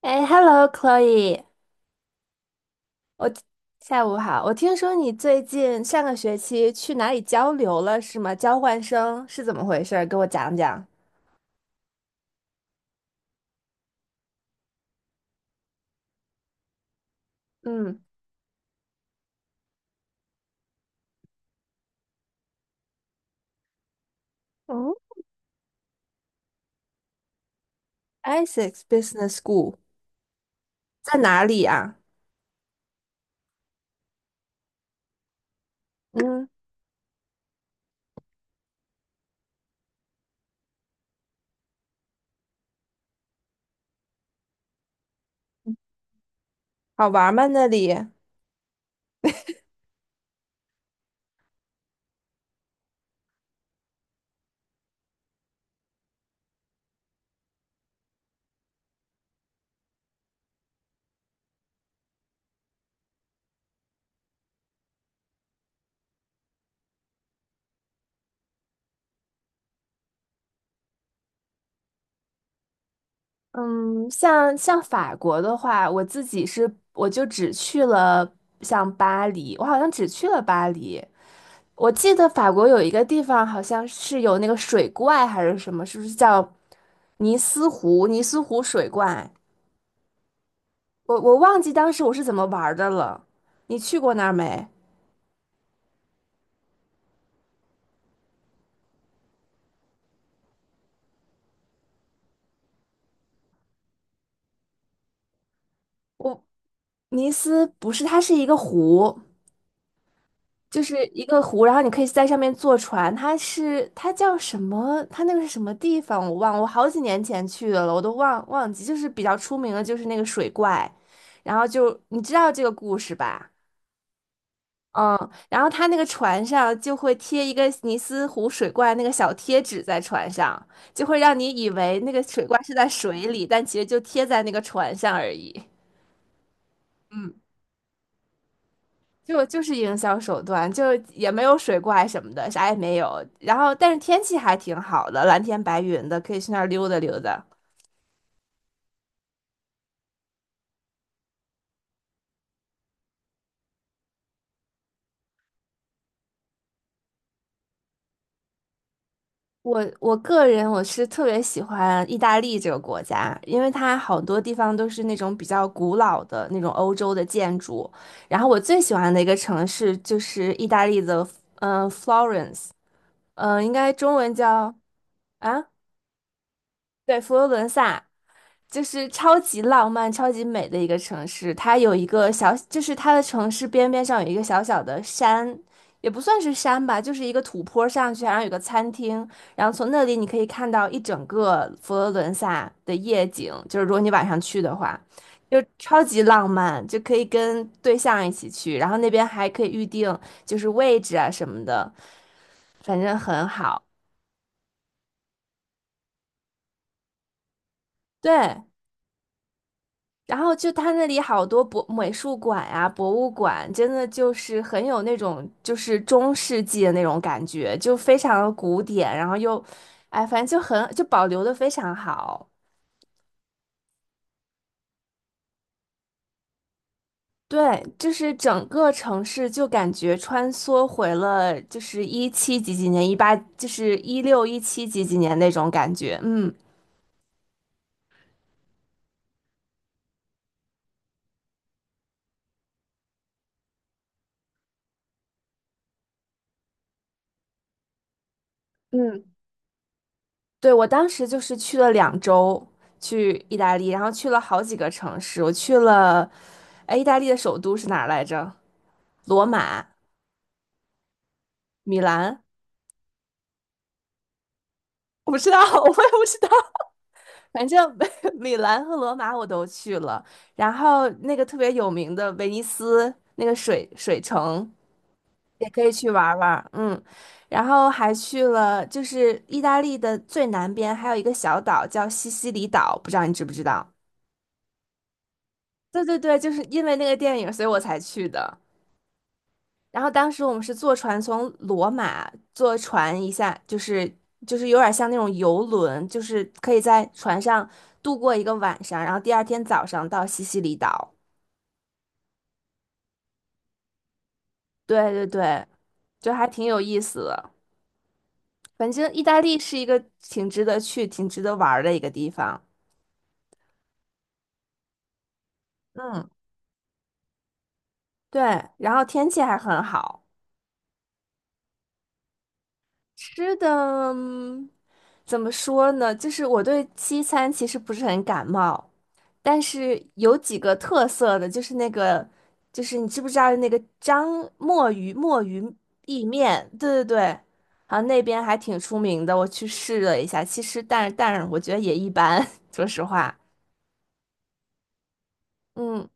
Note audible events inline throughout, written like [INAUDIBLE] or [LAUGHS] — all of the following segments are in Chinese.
哎，Hello Chloe，我下午好。我听说你最近上个学期去哪里交流了，是吗？交换生是怎么回事儿？给我讲讲。嗯。哦， i s s e x Business School 在哪里啊？嗯，好玩吗那里？嗯，像法国的话，我自己是我就只去了像巴黎，我好像只去了巴黎。我记得法国有一个地方好像是有那个水怪还是什么，是不是叫尼斯湖？尼斯湖水怪，我忘记当时我是怎么玩儿的了。你去过那儿没？我尼斯不是，它是一个湖。就是一个湖，然后你可以在上面坐船。它是它叫什么？它那个是什么地方？我忘了我好几年前去的了，我都忘记。就是比较出名的，就是那个水怪，然后就你知道这个故事吧？嗯，然后它那个船上就会贴一个尼斯湖水怪那个小贴纸在船上，就会让你以为那个水怪是在水里，但其实就贴在那个船上而已。就是营销手段，就也没有水怪什么的，啥也没有。然后，但是天气还挺好的，蓝天白云的，可以去那儿溜达溜达。我个人是特别喜欢意大利这个国家，因为它好多地方都是那种比较古老的那种欧洲的建筑。然后我最喜欢的一个城市就是意大利的，f l o r e n c e， 应该中文叫啊。对，佛罗伦萨就是超级浪漫、超级美的一个城市。它有一个小，就是它的城市边边上有一个小小的山，也不算是山吧，就是一个土坡上去，然后有个餐厅，然后从那里你可以看到一整个佛罗伦萨的夜景。就是如果你晚上去的话，就超级浪漫，就可以跟对象一起去，然后那边还可以预定就是位置啊什么的，反正很好。对。然后就他那里好多博美术馆呀、博物馆，真的就是很有那种就是中世纪的那种感觉，就非常的古典，然后又，哎，反正就保留的非常好。对，就是整个城市就感觉穿梭回了就是一七几几年、一八就是一六一七几几年那种感觉，嗯嗯。对，我当时就是去了两周，去意大利，然后去了好几个城市。我去了，哎，意大利的首都是哪儿来着？罗马、米兰，我不知道，[LAUGHS] 我也不知道。反正 [LAUGHS] 米兰和罗马我都去了，然后那个特别有名的威尼斯那个水城也可以去玩儿嗯，然后还去了就是意大利的最南边还有一个小岛叫西西里岛，不知道你知不知道？对对对，就是因为那个电影，所以我才去的。然后当时我们是坐船从罗马坐船一下，就是有点像那种游轮，就是可以在船上度过一个晚上，然后第二天早上到西西里岛。对对对，就还挺有意思的。反正意大利是一个挺值得去、挺值得玩儿的一个地方。嗯，对，然后天气还很好。吃的，怎么说呢？就是我对西餐其实不是很感冒，但是有几个特色的，就是那个，就是你知不知道那个章墨鱼墨鱼意面？对对对，好像那边还挺出名的，我去试了一下，其实但是我觉得也一般，[LAUGHS] 说实话。嗯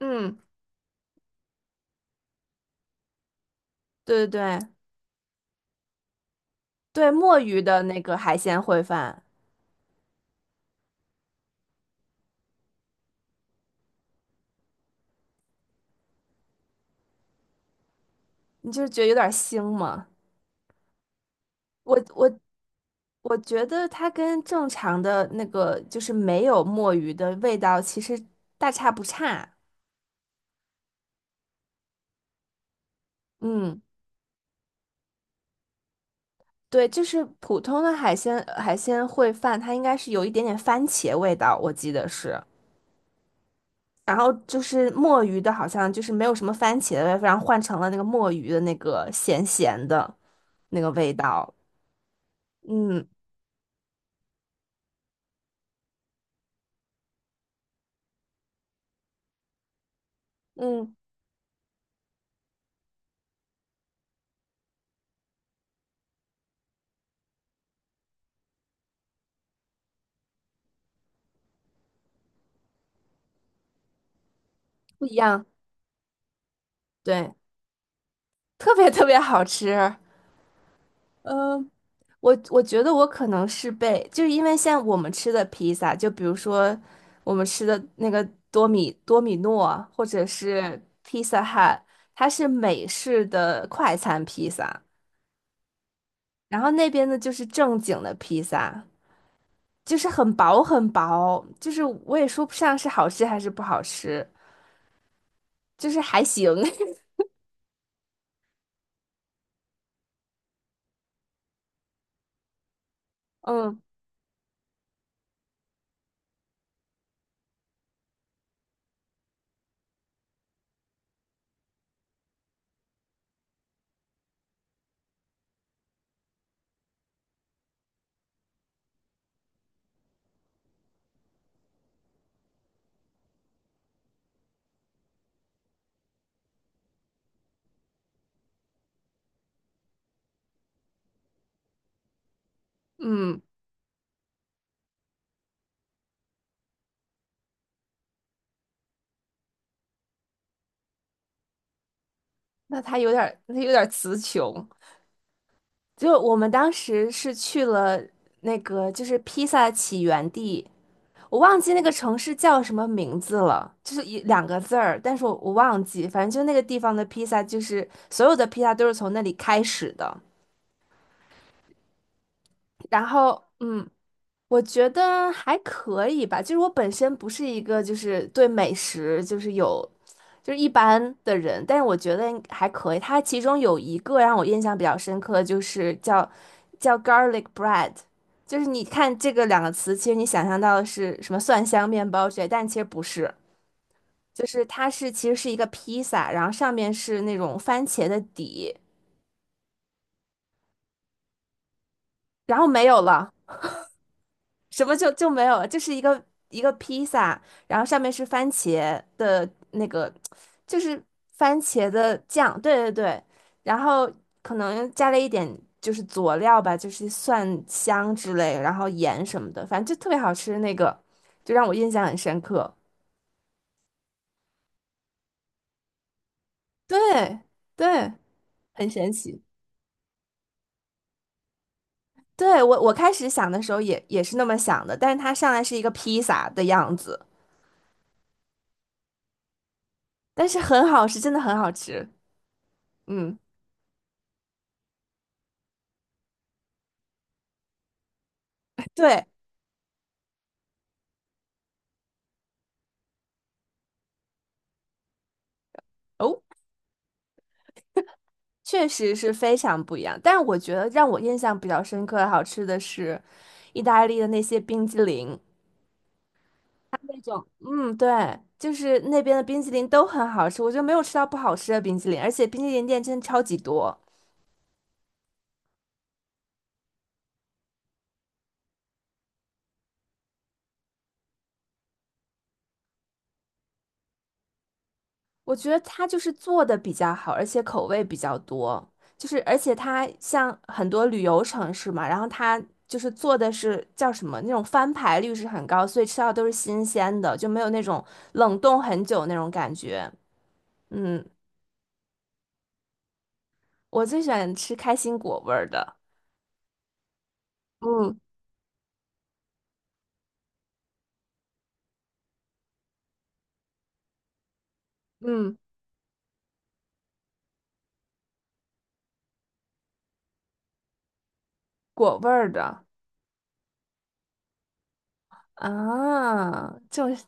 嗯，对对对对，墨鱼的那个海鲜烩饭，你就是觉得有点腥嘛，我我我觉得它跟正常的那个就是没有墨鱼的味道，其实大差不差。嗯。对，就是普通的海鲜烩饭，它应该是有一点点番茄味道，我记得是。然后就是墨鱼的，好像就是没有什么番茄的味道，然后换成了那个墨鱼的那个咸咸的那个味道。嗯嗯，不一样，对，特别特别好吃。嗯、我觉得我可能是被，就是因为像我们吃的披萨，就比如说我们吃的那个多米诺，或者是披萨汉，它是美式的快餐披萨，然后那边的就是正经的披萨，就是很薄很薄，就是我也说不上是好吃还是不好吃，就是还行。[LAUGHS] 嗯嗯，那它有点儿，他有点儿词穷。就我们当时是去了那个，就是披萨起源地。我忘记那个城市叫什么名字了，就是一两个字儿，但是我忘记，反正就那个地方的披萨，就是所有的披萨都是从那里开始的。然后，嗯，我觉得还可以吧，就是我本身不是一个就是对美食就是有就是一般的人，但是我觉得还可以。它其中有一个让我印象比较深刻，就是叫 garlic bread。就是你看这个两个词，其实你想象到的是什么蒜香面包之类，但其实不是。就是它是其实是一个披萨，然后上面是那种番茄的底，然后没有了，什么就就没有了，就是一个披萨，然后上面是番茄的那个，就是番茄的酱，对对对，然后可能加了一点就是佐料吧，就是蒜香之类，然后盐什么的，反正就特别好吃，那个就让我印象很深刻，对对，很神奇。对，我开始想的时候也是那么想的，但是它上来是一个披萨的样子，但是很好吃，真的很好吃。嗯，对，哦，确实是非常不一样。但是我觉得让我印象比较深刻、好吃的是意大利的那些冰激凌，那种，嗯，对，就是那边的冰激凌都很好吃，我就没有吃到不好吃的冰激凌，而且冰激凌店真的超级多。我觉得它就是做的比较好，而且口味比较多，就是而且它像很多旅游城市嘛，然后它就是做的是叫什么那种翻牌率是很高，所以吃到都是新鲜的，就没有那种冷冻很久那种感觉。嗯，我最喜欢吃开心果味儿的，嗯嗯，果味儿的啊，就是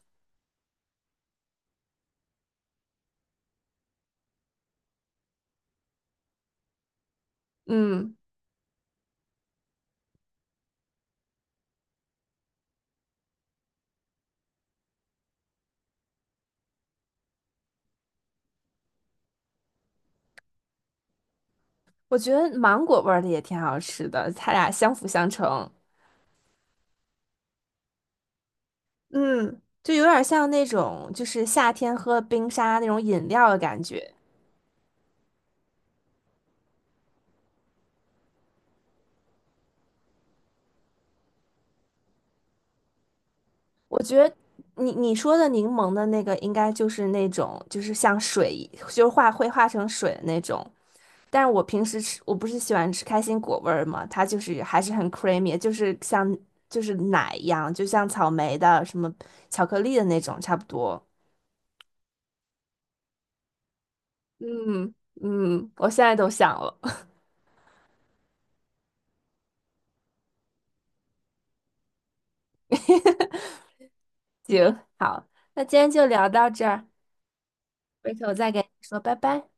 嗯，我觉得芒果味儿的也挺好吃的，它俩相辅相成。嗯，就有点像那种就是夏天喝冰沙那种饮料的感觉。我觉得你说的柠檬的那个应该就是那种就是像水一就是化成水的那种。但是我平时吃我不是喜欢吃开心果味儿嘛，它就是还是很 creamy,就是就是奶一样，就像草莓的什么巧克力的那种差不多。嗯嗯，我现在都想了。[LAUGHS] 行，好，那今天就聊到这儿。回头再跟你说拜拜。